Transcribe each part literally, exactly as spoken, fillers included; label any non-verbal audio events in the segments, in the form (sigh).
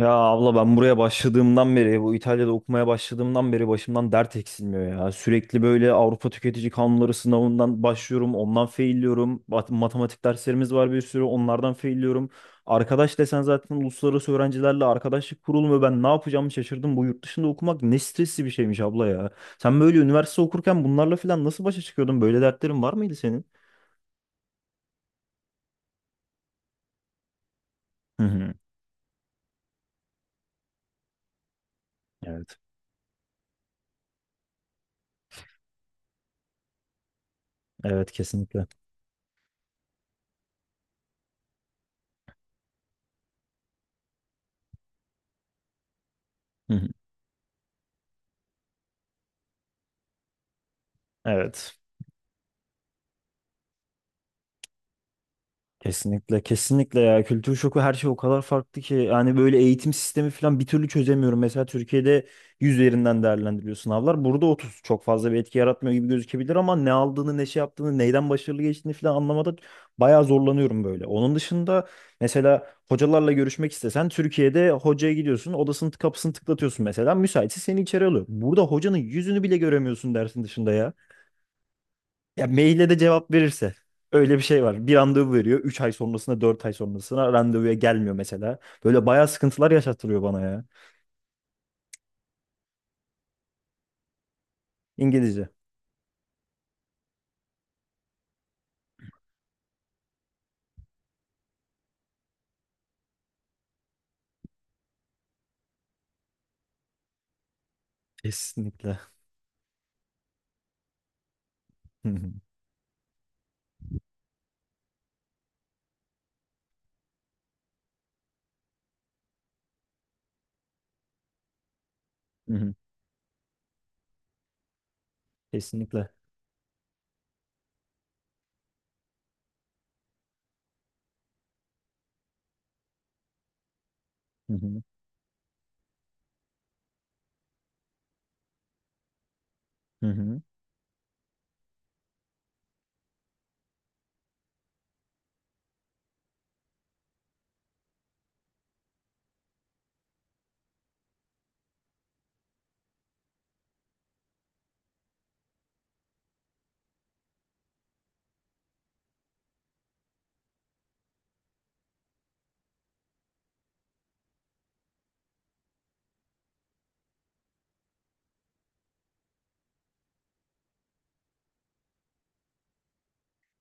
Ya abla ben buraya başladığımdan beri, bu İtalya'da okumaya başladığımdan beri başımdan dert eksilmiyor ya. Sürekli böyle Avrupa Tüketici Kanunları sınavından başlıyorum, ondan failliyorum. Bat- Matematik derslerimiz var bir sürü, onlardan failliyorum. Arkadaş desen zaten uluslararası öğrencilerle arkadaşlık kurulmuyor. Ben ne yapacağımı şaşırdım. Bu yurt dışında okumak ne stresli bir şeymiş abla ya. Sen böyle üniversite okurken bunlarla falan nasıl başa çıkıyordun? Böyle dertlerin var mıydı senin? Hı hı. Evet. Evet, kesinlikle. Hı hı. Evet. Kesinlikle, kesinlikle ya, kültür şoku her şey o kadar farklı ki, yani böyle eğitim sistemi falan bir türlü çözemiyorum. Mesela Türkiye'de yüz üzerinden değerlendiriliyor sınavlar. Burada otuz çok fazla bir etki yaratmıyor gibi gözükebilir ama ne aldığını, ne şey yaptığını, neyden başarılı geçtiğini falan anlamada bayağı zorlanıyorum böyle. Onun dışında mesela hocalarla görüşmek istesen Türkiye'de hocaya gidiyorsun, odasının kapısını tıklatıyorsun, mesela müsaitse seni içeri alıyor. Burada hocanın yüzünü bile göremiyorsun dersin dışında ya. Ya maile de cevap verirse. Öyle bir şey var. Bir randevu veriyor. Üç ay sonrasında, dört ay sonrasına randevuya gelmiyor mesela. Böyle bayağı sıkıntılar yaşatılıyor bana ya. İngilizce. Kesinlikle. Hı hı. Hı hı. Kesinlikle. Hı hı. Hı hı.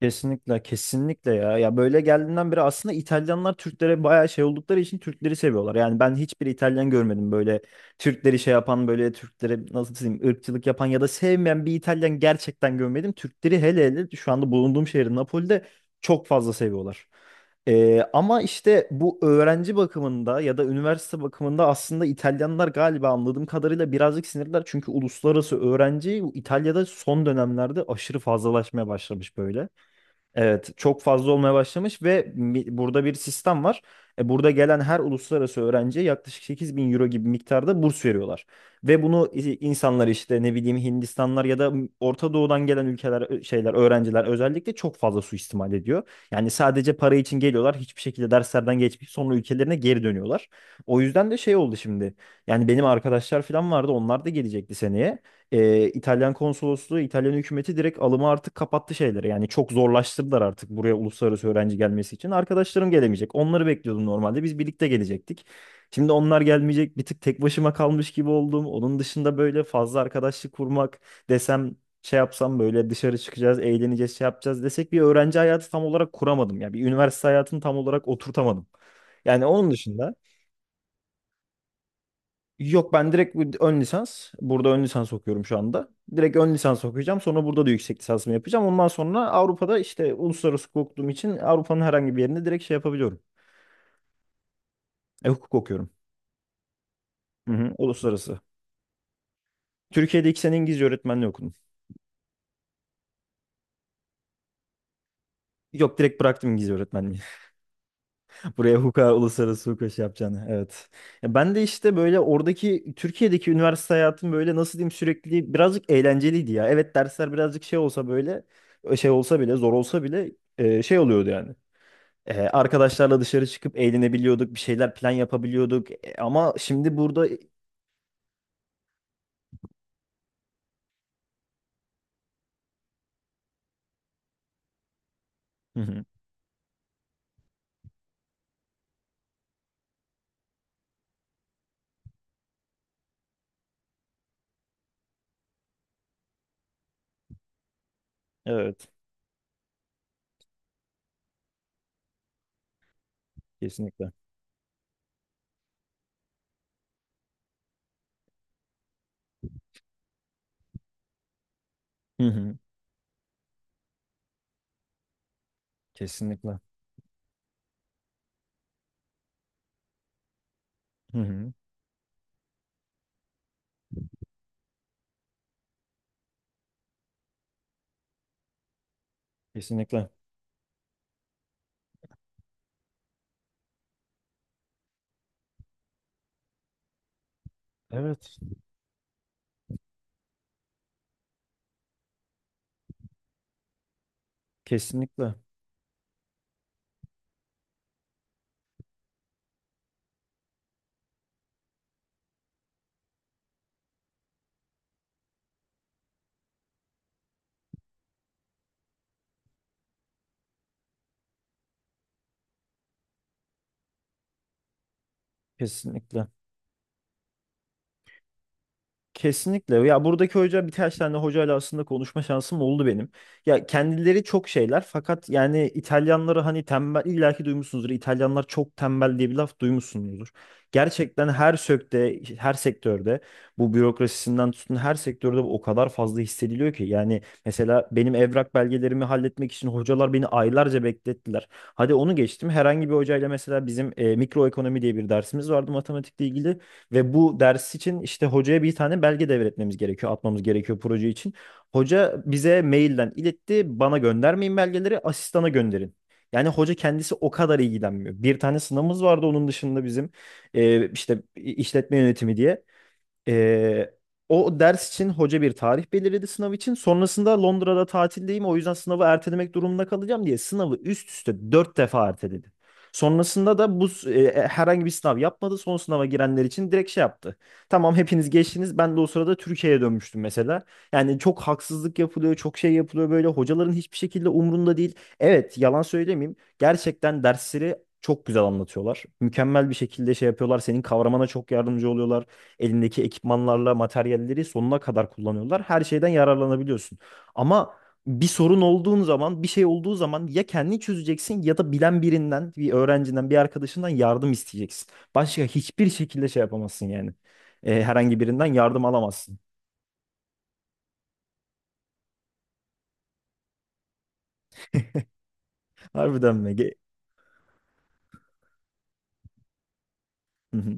Kesinlikle, kesinlikle ya. Ya böyle geldiğinden beri aslında İtalyanlar Türklere bayağı şey oldukları için Türkleri seviyorlar. Yani ben hiçbir İtalyan görmedim böyle Türkleri şey yapan, böyle Türklere nasıl diyeyim ırkçılık yapan ya da sevmeyen bir İtalyan gerçekten görmedim. Türkleri hele hele şu anda bulunduğum şehir Napoli'de çok fazla seviyorlar. Ee, ama işte bu öğrenci bakımında ya da üniversite bakımında aslında İtalyanlar galiba anladığım kadarıyla birazcık sinirler. Çünkü uluslararası öğrenci İtalya'da son dönemlerde aşırı fazlalaşmaya başlamış böyle. Evet, çok fazla olmaya başlamış ve mi- burada bir sistem var. E, burada gelen her uluslararası öğrenciye yaklaşık sekiz bin euro gibi miktarda burs veriyorlar. Ve bunu i- insanlar işte ne bileyim Hindistanlar ya da Orta Doğu'dan gelen ülkeler ö- şeyler öğrenciler özellikle çok fazla suistimal ediyor. Yani sadece para için geliyorlar, hiçbir şekilde derslerden geçmeyip sonra ülkelerine geri dönüyorlar. O yüzden de şey oldu şimdi. Yani benim arkadaşlar falan vardı, onlar da gelecekti seneye. e, İtalyan konsolosluğu, İtalyan hükümeti direkt alımı artık kapattı şeyleri. Yani çok zorlaştırdılar artık buraya uluslararası öğrenci gelmesi için. Arkadaşlarım gelemeyecek. Onları bekliyordum normalde. Biz birlikte gelecektik. Şimdi onlar gelmeyecek. Bir tık tek başıma kalmış gibi oldum. Onun dışında böyle fazla arkadaşlık kurmak desem, şey yapsam, böyle dışarı çıkacağız, eğleneceğiz, şey yapacağız desek, bir öğrenci hayatı tam olarak kuramadım ya. Bir üniversite hayatını tam olarak oturtamadım. Yani onun dışında. Yok, ben direkt bir ön lisans. Burada ön lisans okuyorum şu anda. Direkt ön lisans okuyacağım. Sonra burada da yüksek lisansımı yapacağım. Ondan sonra Avrupa'da işte uluslararası hukuk okuduğum için Avrupa'nın herhangi bir yerinde direkt şey yapabiliyorum. E, hukuk okuyorum. Hı hı, uluslararası. Türkiye'de iki sene İngilizce öğretmenliği okudum. Yok, direkt bıraktım İngilizce öğretmenliği. (laughs) Buraya hukuka, uluslararası hukuka şey yapacağını. Evet. Ya ben de işte böyle oradaki Türkiye'deki üniversite hayatım böyle, nasıl diyeyim, sürekli birazcık eğlenceliydi ya. Evet, dersler birazcık şey olsa böyle, e, şey olsa bile, zor olsa bile, e, şey oluyordu yani. Ee, arkadaşlarla dışarı çıkıp eğlenebiliyorduk, bir şeyler plan yapabiliyorduk. E, ama şimdi burada... e, Hı hı. Evet, kesinlikle. Hı hı. Kesinlikle. Hı hı. Kesinlikle. Evet, kesinlikle. Kesinlikle. Kesinlikle. Ya buradaki hoca, birkaç tane hocayla aslında konuşma şansım oldu benim. Ya kendileri çok şeyler fakat yani İtalyanları, hani tembel, illaki duymuşsunuzdur. İtalyanlar çok tembel diye bir laf duymuşsunuzdur. Gerçekten her sökte, her sektörde bu bürokrasisinden tutun her sektörde bu o kadar fazla hissediliyor ki. Yani mesela benim evrak belgelerimi halletmek için hocalar beni aylarca beklettiler. Hadi onu geçtim. Herhangi bir hocayla mesela bizim e, mikroekonomi diye bir dersimiz vardı matematikle ilgili. Ve bu ders için işte hocaya bir tane belge devretmemiz gerekiyor, atmamız gerekiyor proje için. Hoca bize mailden iletti, bana göndermeyin belgeleri, asistana gönderin. Yani hoca kendisi o kadar ilgilenmiyor. Bir tane sınavımız vardı onun dışında bizim, e, işte işletme yönetimi diye. Ee, o ders için hoca bir tarih belirledi sınav için. Sonrasında Londra'da tatildeyim, o yüzden sınavı ertelemek durumunda kalacağım diye sınavı üst üste dört defa erteledi. Sonrasında da bu s- e, herhangi bir sınav yapmadı. Son sınava girenler için direkt şey yaptı. Tamam, hepiniz geçtiniz. Ben de o sırada Türkiye'ye dönmüştüm mesela. Yani çok haksızlık yapılıyor, çok şey yapılıyor böyle. Hocaların hiçbir şekilde umrunda değil. Evet, yalan söylemeyeyim. Gerçekten dersleri çok güzel anlatıyorlar. Mükemmel bir şekilde şey yapıyorlar. Senin kavramana çok yardımcı oluyorlar, elindeki ekipmanlarla materyalleri sonuna kadar kullanıyorlar. Her şeyden yararlanabiliyorsun. Ama bir sorun olduğun zaman, bir şey olduğu zaman ya kendini çözeceksin ya da bilen birinden, bir öğrencinden, bir arkadaşından yardım isteyeceksin. Başka hiçbir şekilde şey yapamazsın yani. Ee, herhangi birinden yardım alamazsın. (laughs) Harbiden mi? Ge-. Hı hı,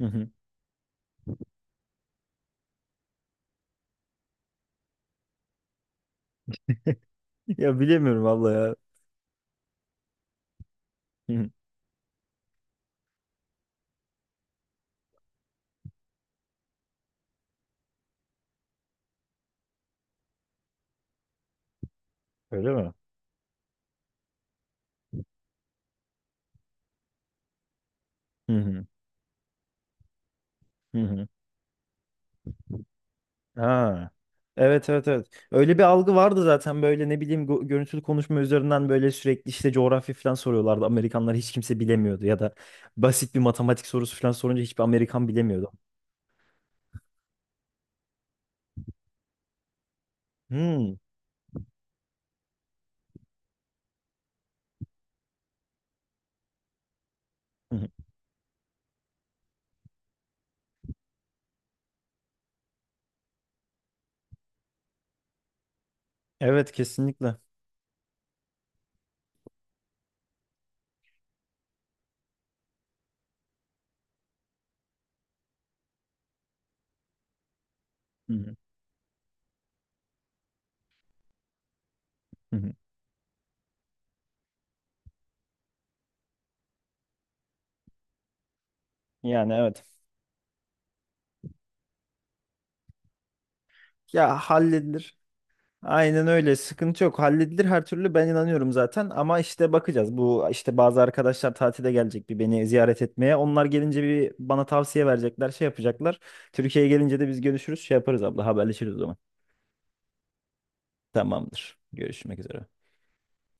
hı hı. Ya bilemiyorum valla ya. Hı hı. Öyle mi? Hı hı, hı hı. Ha. Evet, evet, evet. Öyle bir algı vardı zaten, böyle ne bileyim go- görüntülü konuşma üzerinden böyle sürekli işte coğrafya falan soruyorlardı. Amerikanlar, hiç kimse bilemiyordu ya da basit bir matematik sorusu falan sorunca hiçbir Amerikan bilemiyordu. Hmm. Hı hı. Evet, kesinlikle. Hı hı. Hı hı. Yani evet. Ya halledilir. Aynen öyle. Sıkıntı yok. Halledilir her türlü, ben inanıyorum zaten. Ama işte bakacağız. Bu işte bazı arkadaşlar tatile gelecek bir, beni ziyaret etmeye. Onlar gelince bir bana tavsiye verecekler, şey yapacaklar. Türkiye'ye gelince de biz görüşürüz, şey yaparız abla, haberleşiriz o zaman. Tamamdır. Görüşmek üzere.